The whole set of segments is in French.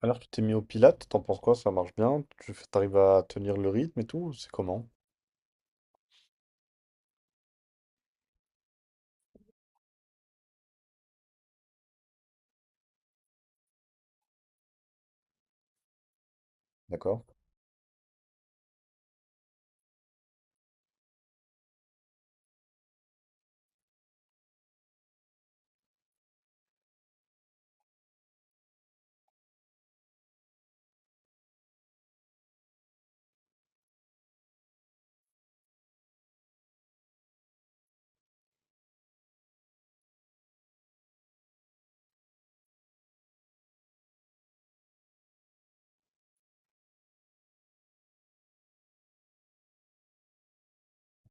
Alors, tu t'es mis au Pilates, t'en penses quoi? Ça marche bien? T'arrives à tenir le rythme et tout? C'est comment? D'accord.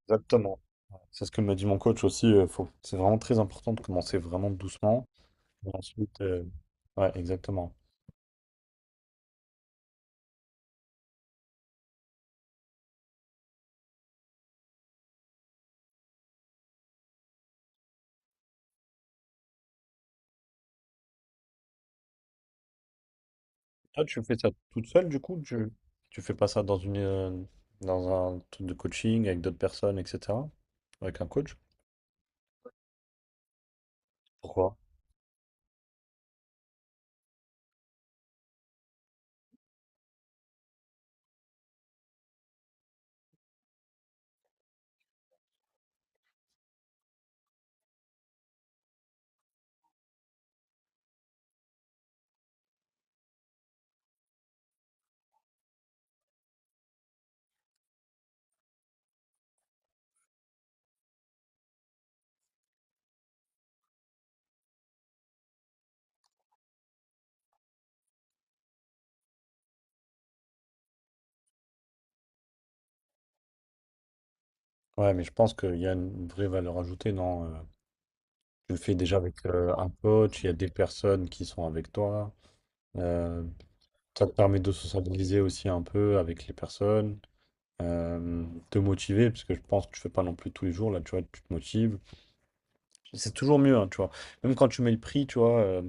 Exactement. C'est ce que me dit mon coach aussi. Faut... C'est vraiment très important de commencer vraiment doucement. Et ensuite, ouais, exactement. Toi, tu fais ça toute seule, du coup? Tu fais pas ça dans une, dans un truc de coaching avec d'autres personnes, etc. Avec un coach? Pourquoi? Ouais, mais je pense qu'il y a une vraie valeur ajoutée, non? Tu le fais déjà avec un coach, il y a des personnes qui sont avec toi. Ça te permet de sociabiliser aussi un peu avec les personnes, te motiver, parce que je pense que tu fais pas non plus tous les jours, là, tu vois, tu te motives. C'est toujours mieux, hein, tu vois. Même quand tu mets le prix, tu vois,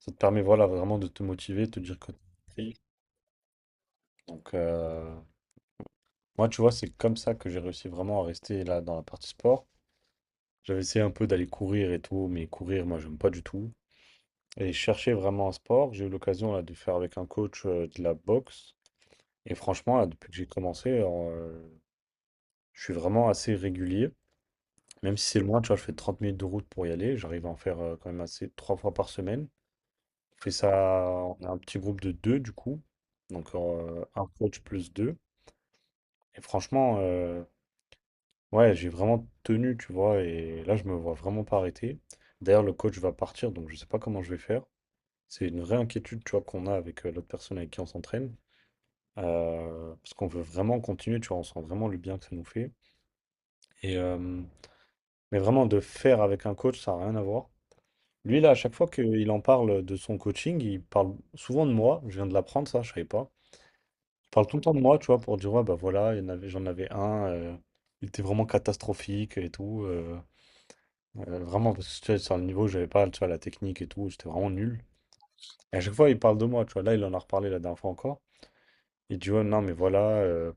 ça te permet, voilà, vraiment de te motiver, de te dire que t'as pris. Donc, moi, tu vois, c'est comme ça que j'ai réussi vraiment à rester là dans la partie sport. J'avais essayé un peu d'aller courir et tout, mais courir, moi, j'aime pas du tout. Et chercher vraiment un sport, j'ai eu l'occasion là de faire avec un coach de la boxe. Et franchement, là, depuis que j'ai commencé, je suis vraiment assez régulier. Même si c'est loin, tu vois, je fais 30 minutes de route pour y aller. J'arrive à en faire quand même assez trois fois par semaine. Je fais ça, on a un petit groupe de deux du coup. Donc un coach plus deux. Et franchement, ouais, j'ai vraiment tenu, tu vois. Et là, je me vois vraiment pas arrêter. D'ailleurs, le coach va partir, donc je sais pas comment je vais faire. C'est une vraie inquiétude, tu vois, qu'on a avec l'autre personne avec qui on s'entraîne. Parce qu'on veut vraiment continuer, tu vois, on sent vraiment le bien que ça nous fait. Et, mais vraiment, de faire avec un coach, ça n'a rien à voir. Lui, là, à chaque fois qu'il en parle de son coaching, il parle souvent de moi. Je viens de l'apprendre, ça, je savais pas. Il parle tout le temps de moi, tu vois, pour dire, ouais, bah voilà, il y en avait, j'en avais un, il était vraiment catastrophique et tout. Vraiment, parce que tu sais, sur le niveau, j'avais pas, tu vois, la technique et tout, j'étais vraiment nul. Et à chaque fois, il parle de moi, tu vois. Là, il en a reparlé la dernière fois encore. Il dit, ouais, non, mais voilà.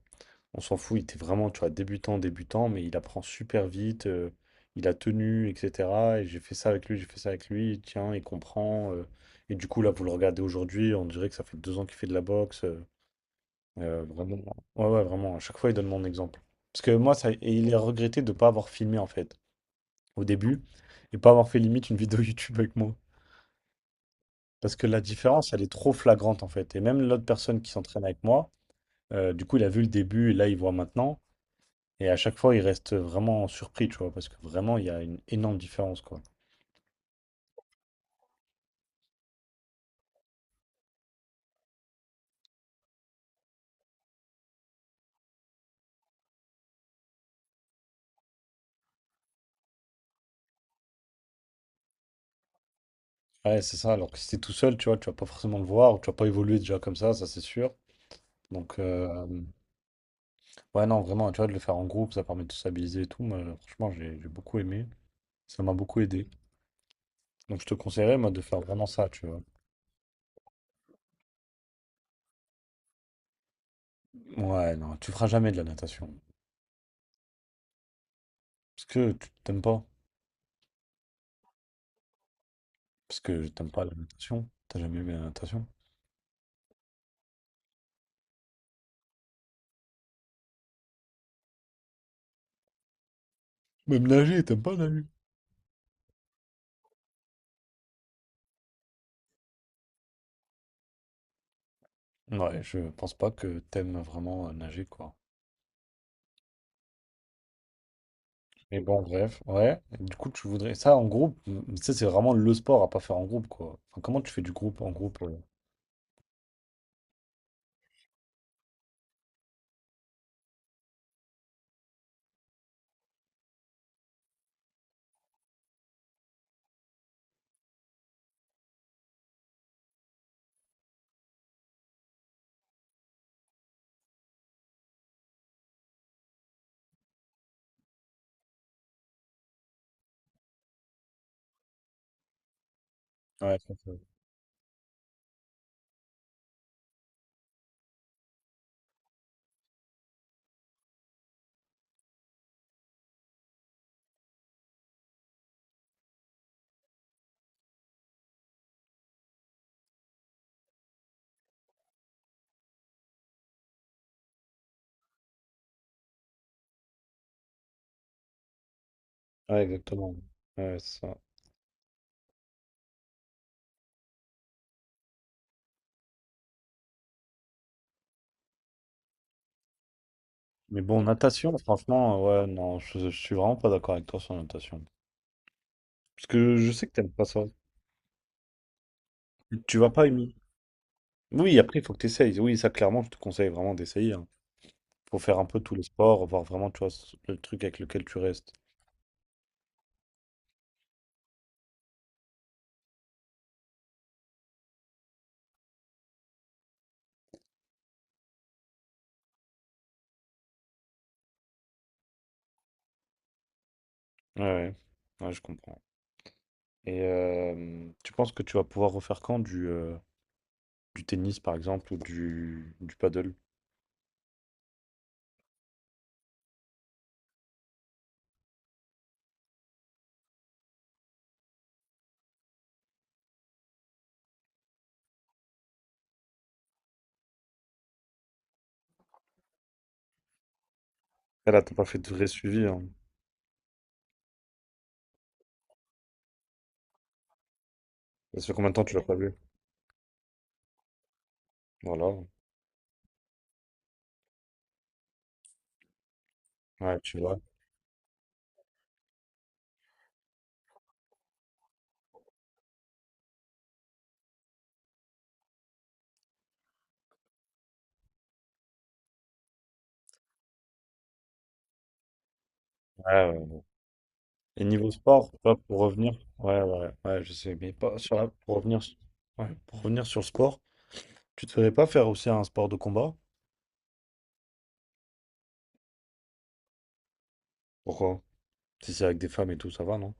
On s'en fout, il était vraiment, tu vois, débutant, débutant, mais il apprend super vite, il a tenu, etc. Et j'ai fait ça avec lui, j'ai fait ça avec lui, tiens, il comprend. Et du coup, là, vous le regardez aujourd'hui, on dirait que ça fait deux ans qu'il fait de la boxe. Vraiment. Ouais, ouais, vraiment, à chaque fois, il donne mon exemple. Parce que moi, ça, et il est regretté de ne pas avoir filmé, en fait, au début, et pas avoir fait limite une vidéo YouTube avec moi. Parce que la différence, elle est trop flagrante, en fait. Et même l'autre personne qui s'entraîne avec moi, du coup, il a vu le début, et là, il voit maintenant. Et à chaque fois, ils restent vraiment surpris, tu vois, parce que vraiment, il y a une énorme différence, quoi. Ouais, c'est ça. Alors que si t'es tout seul, tu vois, tu vas pas forcément le voir, ou tu vas pas évoluer déjà comme ça c'est sûr. Donc, ouais, non, vraiment, tu vois, de le faire en groupe, ça permet de stabiliser et tout. Moi, franchement, j'ai beaucoup aimé. Ça m'a beaucoup aidé. Donc, je te conseillerais, moi, de faire vraiment ça, tu vois. Ouais, non, tu feras jamais de la natation. Parce que tu t'aimes pas. Parce que t'aimes pas la natation. T'as jamais aimé la natation. Même nager, t'aimes pas nager. Ouais, je pense pas que t'aimes vraiment nager, quoi. Mais bon, bref, ouais. Du coup, tu voudrais ça en groupe. Ça, c'est vraiment le sport à pas faire en groupe, quoi. Enfin, comment tu fais du groupe en groupe? Ouais, ouais, exactement. Ouais, c'est ça. Mais bon, natation, franchement, ouais, non, je suis vraiment pas d'accord avec toi sur la natation. Parce que je sais que t'aimes pas ça. Tu vas pas aimer. Oui, après, il faut que t'essayes. Oui, ça, clairement, je te conseille vraiment d'essayer, hein. Faut faire un peu tous les sports, voir vraiment, tu vois, le truc avec lequel tu restes. Ouais, ouais, ouais, je comprends. Et tu penses que tu vas pouvoir refaire quand du tennis, par exemple, ou du paddle? Ah là, t'as pas fait de vrai suivi, hein. Ça fait combien de temps que tu l'as pas vu? Voilà. Ouais, tu vois. Ouais, ouais. Et niveau sport, tu vois, pour revenir, ouais, ouais, ouais, je sais, mais pas sur pour revenir, ouais, pour revenir sur le sport, tu te ferais pas faire aussi un sport de combat? Pourquoi? Si c'est avec des femmes et tout, ça va, non?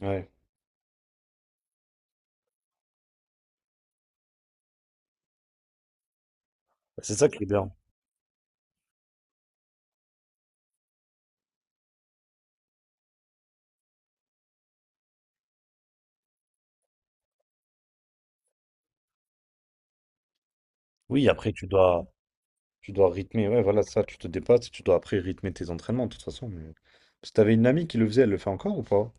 Ouais. Bah, c'est ça qui est bien. Oui, après, tu dois rythmer. Ouais, voilà, ça, tu te dépasses. Tu dois après rythmer tes entraînements, de toute façon. Mais... parce que t'avais une amie qui le faisait, elle le fait encore ou pas?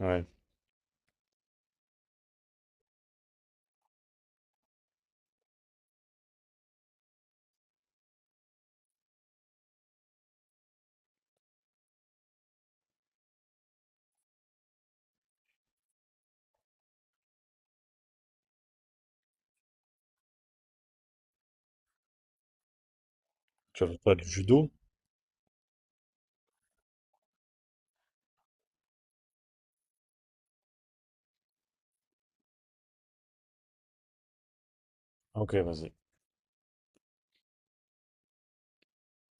Ouais. Tu vas faire quoi, du judo? Ok, vas-y.